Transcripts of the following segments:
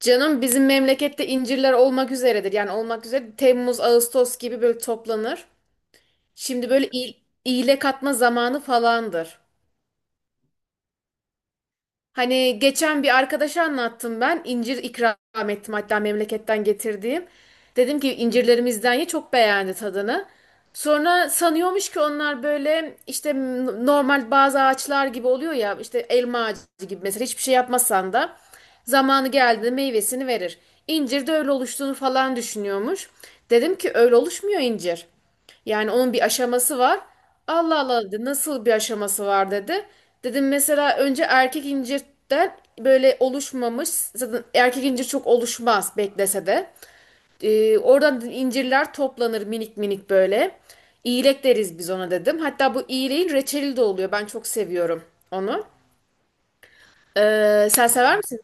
Canım bizim memlekette incirler olmak üzeredir. Yani olmak üzere Temmuz, Ağustos gibi böyle toplanır. Şimdi böyle iyile katma zamanı falandır. Hani geçen bir arkadaşa anlattım ben. İncir ikram ettim hatta memleketten getirdiğim. Dedim ki incirlerimizden ye, çok beğendi tadını. Sonra sanıyormuş ki onlar böyle işte normal bazı ağaçlar gibi oluyor ya, işte elma ağacı gibi, mesela hiçbir şey yapmasan da zamanı geldiğinde meyvesini verir. İncir de öyle oluştuğunu falan düşünüyormuş. Dedim ki öyle oluşmuyor incir. Yani onun bir aşaması var. Allah Allah dedi, nasıl bir aşaması var dedi. Dedim mesela önce erkek incirden böyle oluşmamış. Zaten erkek incir çok oluşmaz beklese de. Oradan dedim incirler toplanır minik minik böyle. İyilek deriz biz ona dedim. Hatta bu iyileğin reçeli de oluyor. Ben çok seviyorum onu. Sen sever misin?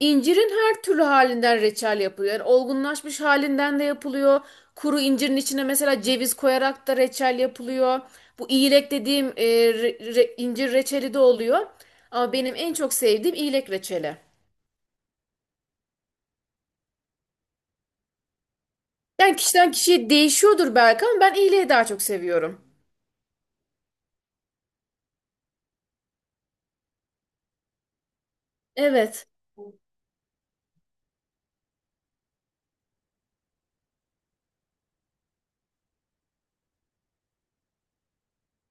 İncirin her türlü halinden reçel yapılıyor. Yani olgunlaşmış halinden de yapılıyor. Kuru incirin içine mesela ceviz koyarak da reçel yapılıyor. Bu iyilek dediğim incir reçeli de oluyor. Ama benim en çok sevdiğim iyilek reçeli. Yani kişiden kişiye değişiyordur belki ama ben iyileği daha çok seviyorum. Evet.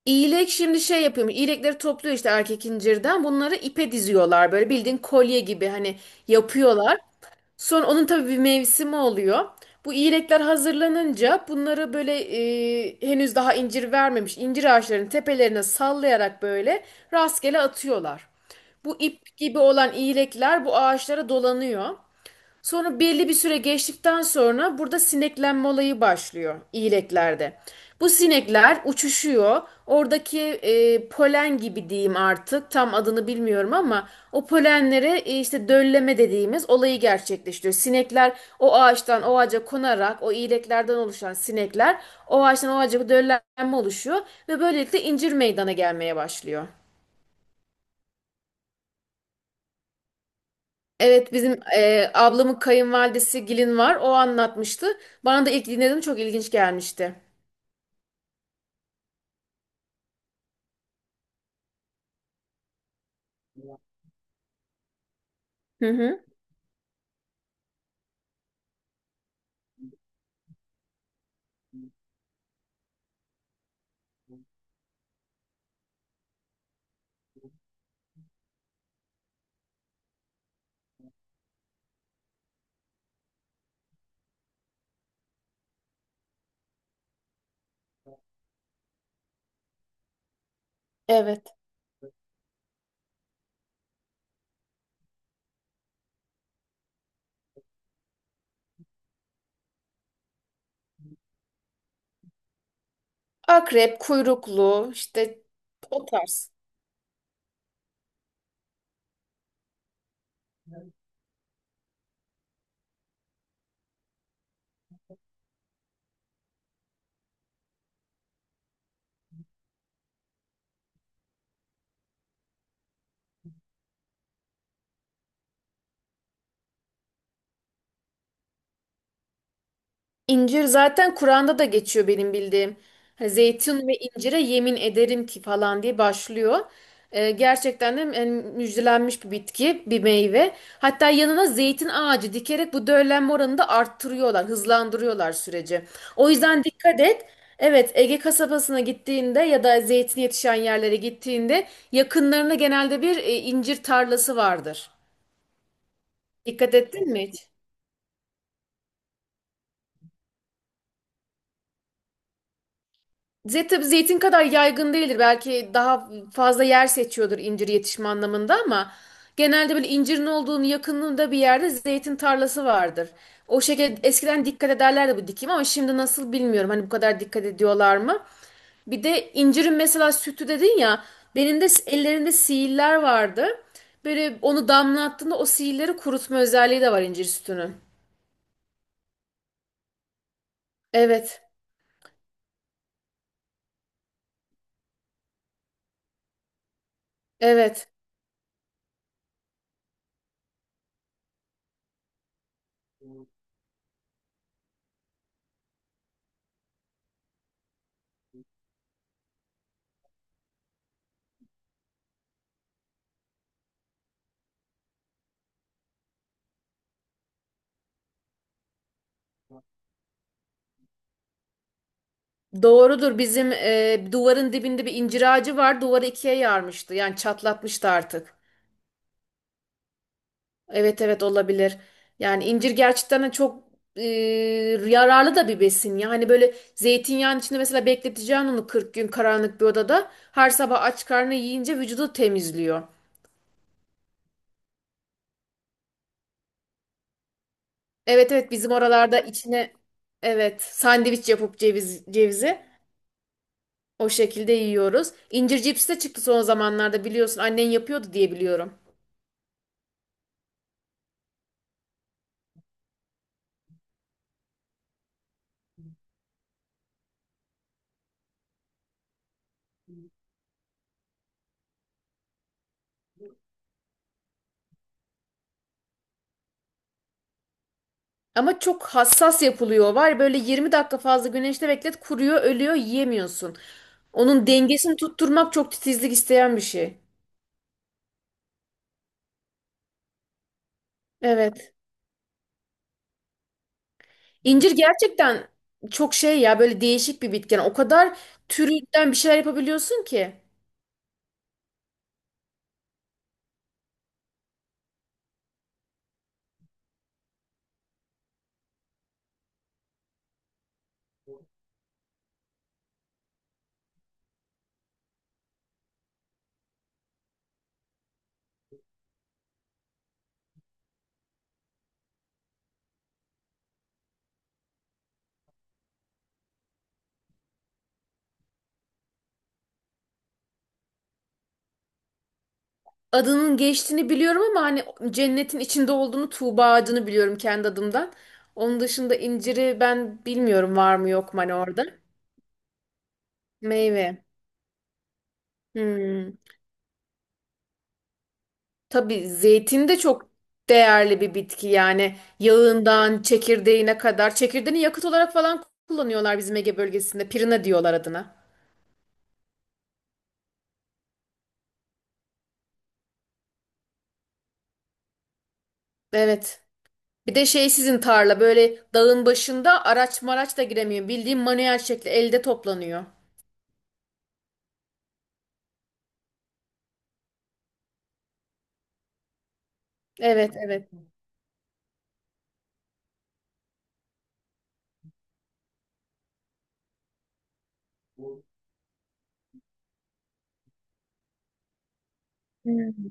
İğlek şimdi şey yapıyormuş. İğlekleri topluyor işte erkek incirden. Bunları ipe diziyorlar. Böyle bildiğin kolye gibi hani yapıyorlar. Sonra onun tabii bir mevsimi oluyor. Bu iğlekler hazırlanınca bunları böyle henüz daha incir vermemiş incir ağaçlarının tepelerine sallayarak böyle rastgele atıyorlar. Bu ip gibi olan iğlekler bu ağaçlara dolanıyor. Sonra belli bir süre geçtikten sonra burada sineklenme olayı başlıyor iyileklerde. Bu sinekler uçuşuyor. Oradaki polen gibi diyeyim artık, tam adını bilmiyorum, ama o polenlere işte dölleme dediğimiz olayı gerçekleştiriyor. Sinekler o ağaçtan o ağaca konarak, o iyileklerden oluşan sinekler o ağaçtan o ağaca, döllenme oluşuyor ve böylelikle incir meydana gelmeye başlıyor. Evet, bizim ablamın kayınvalidesi Gilin var. O anlatmıştı. Bana da ilk dinlediğim çok ilginç gelmişti. Hı hı. Evet. Akrep, kuyruklu işte o tarz. İncir zaten Kur'an'da da geçiyor benim bildiğim. Hani "Zeytin ve incire yemin ederim ki" falan diye başlıyor. Gerçekten de yani müjdelenmiş bir bitki, bir meyve. Hatta yanına zeytin ağacı dikerek bu döllenme oranını da arttırıyorlar, hızlandırıyorlar süreci. O yüzden dikkat et. Evet, Ege kasabasına gittiğinde ya da zeytin yetişen yerlere gittiğinde yakınlarında genelde bir incir tarlası vardır. Dikkat ettin mi hiç? Zeytin, tabii zeytin kadar yaygın değildir. Belki daha fazla yer seçiyordur incir yetişme anlamında, ama genelde böyle incirin olduğunun yakınlığında bir yerde zeytin tarlası vardır. O şekilde eskiden dikkat ederlerdi bu dikim, ama şimdi nasıl bilmiyorum. Hani bu kadar dikkat ediyorlar mı? Bir de incirin mesela sütü dedin ya, benim de ellerinde sihirler vardı. Böyle onu damlattığında o sihirleri kurutma özelliği de var incir sütünün. Evet, evet. Doğrudur. Bizim duvarın dibinde bir incir ağacı var. Duvarı ikiye yarmıştı. Yani çatlatmıştı artık. Evet evet, olabilir. Yani incir gerçekten de çok e, yararlı da bir besin. Yani böyle zeytinyağının içinde mesela bekleteceğin onu 40 gün karanlık bir odada. Her sabah aç karnına yiyince vücudu temizliyor. Evet evet, bizim oralarda içine, evet sandviç yapıp ceviz, cevizi o şekilde yiyoruz. İncir cipsi de çıktı son zamanlarda biliyorsun. Annen yapıyordu diye biliyorum. Ama çok hassas yapılıyor var. Böyle 20 dakika fazla güneşte beklet, kuruyor, ölüyor, yiyemiyorsun. Onun dengesini tutturmak çok titizlik isteyen bir şey. Evet. İncir gerçekten çok şey ya, böyle değişik bir bitken. O kadar türünden bir şeyler yapabiliyorsun ki. Adının geçtiğini biliyorum, ama hani cennetin içinde olduğunu, Tuğba ağacını biliyorum kendi adımdan. Onun dışında inciri ben bilmiyorum var mı yok mu hani orada. Meyve. Hmm. Tabii zeytin de çok değerli bir bitki, yani yağından çekirdeğine kadar. Çekirdeğini yakıt olarak falan kullanıyorlar bizim Ege bölgesinde. Pirina diyorlar adına. Evet. Bir de şey, sizin tarla böyle dağın başında, araç maraç da giremiyor. Bildiğin manuel şekli, elde toplanıyor. Evet evet. Hmm.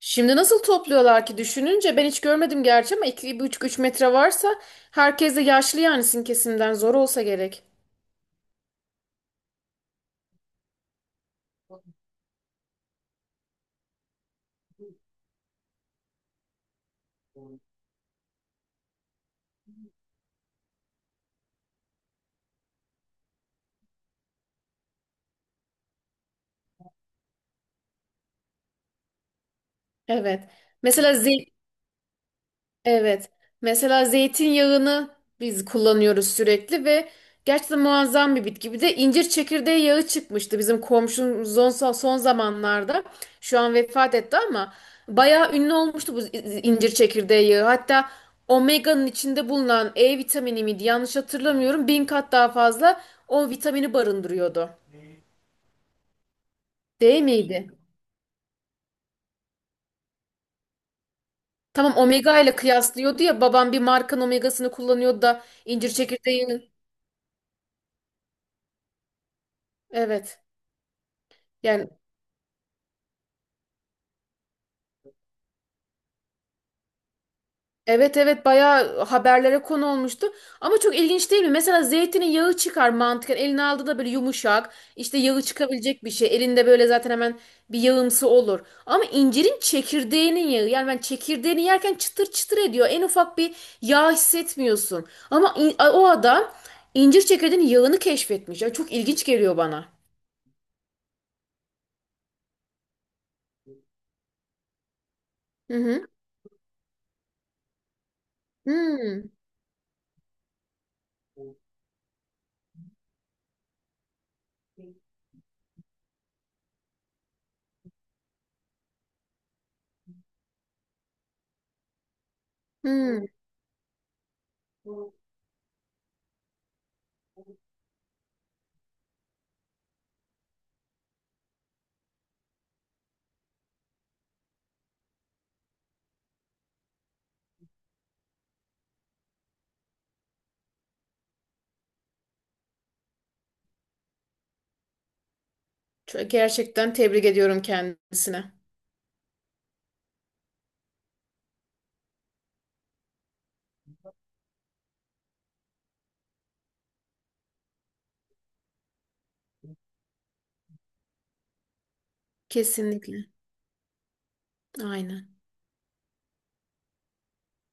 Şimdi nasıl topluyorlar ki düşününce, ben hiç görmedim gerçi, ama 2 üç metre varsa herkes de yaşlı, yani sizin kesimden zor olsa gerek. Evet. Mesela zil Evet. Mesela zeytinyağını biz kullanıyoruz sürekli ve gerçekten muazzam bir bitki. Bir de incir çekirdeği yağı çıkmıştı bizim komşumuz son zamanlarda. Şu an vefat etti ama bayağı ünlü olmuştu bu incir çekirdeği yağı. Hatta omega'nın içinde bulunan E vitamini miydi? Yanlış hatırlamıyorum. 1.000 kat daha fazla o vitamini barındırıyordu. Değil miydi? Tamam, omega ile kıyaslıyordu ya, babam bir markanın omegasını kullanıyordu da incir çekirdeği. Evet. Yani, evet evet, bayağı haberlere konu olmuştu. Ama çok ilginç değil mi? Mesela zeytinin yağı çıkar mantıken. Eline aldığı da böyle yumuşak, işte yağı çıkabilecek bir şey. Elinde böyle zaten hemen bir yağımsı olur. Ama incirin çekirdeğinin yağı. Yani ben çekirdeğini yerken çıtır çıtır ediyor. En ufak bir yağ hissetmiyorsun. Ama o adam incir çekirdeğinin yağını keşfetmiş. Yani çok ilginç geliyor bana. Hı hı. Hmm, hmm. Çok- Gerçekten tebrik ediyorum kendisine. Kesinlikle. Aynen.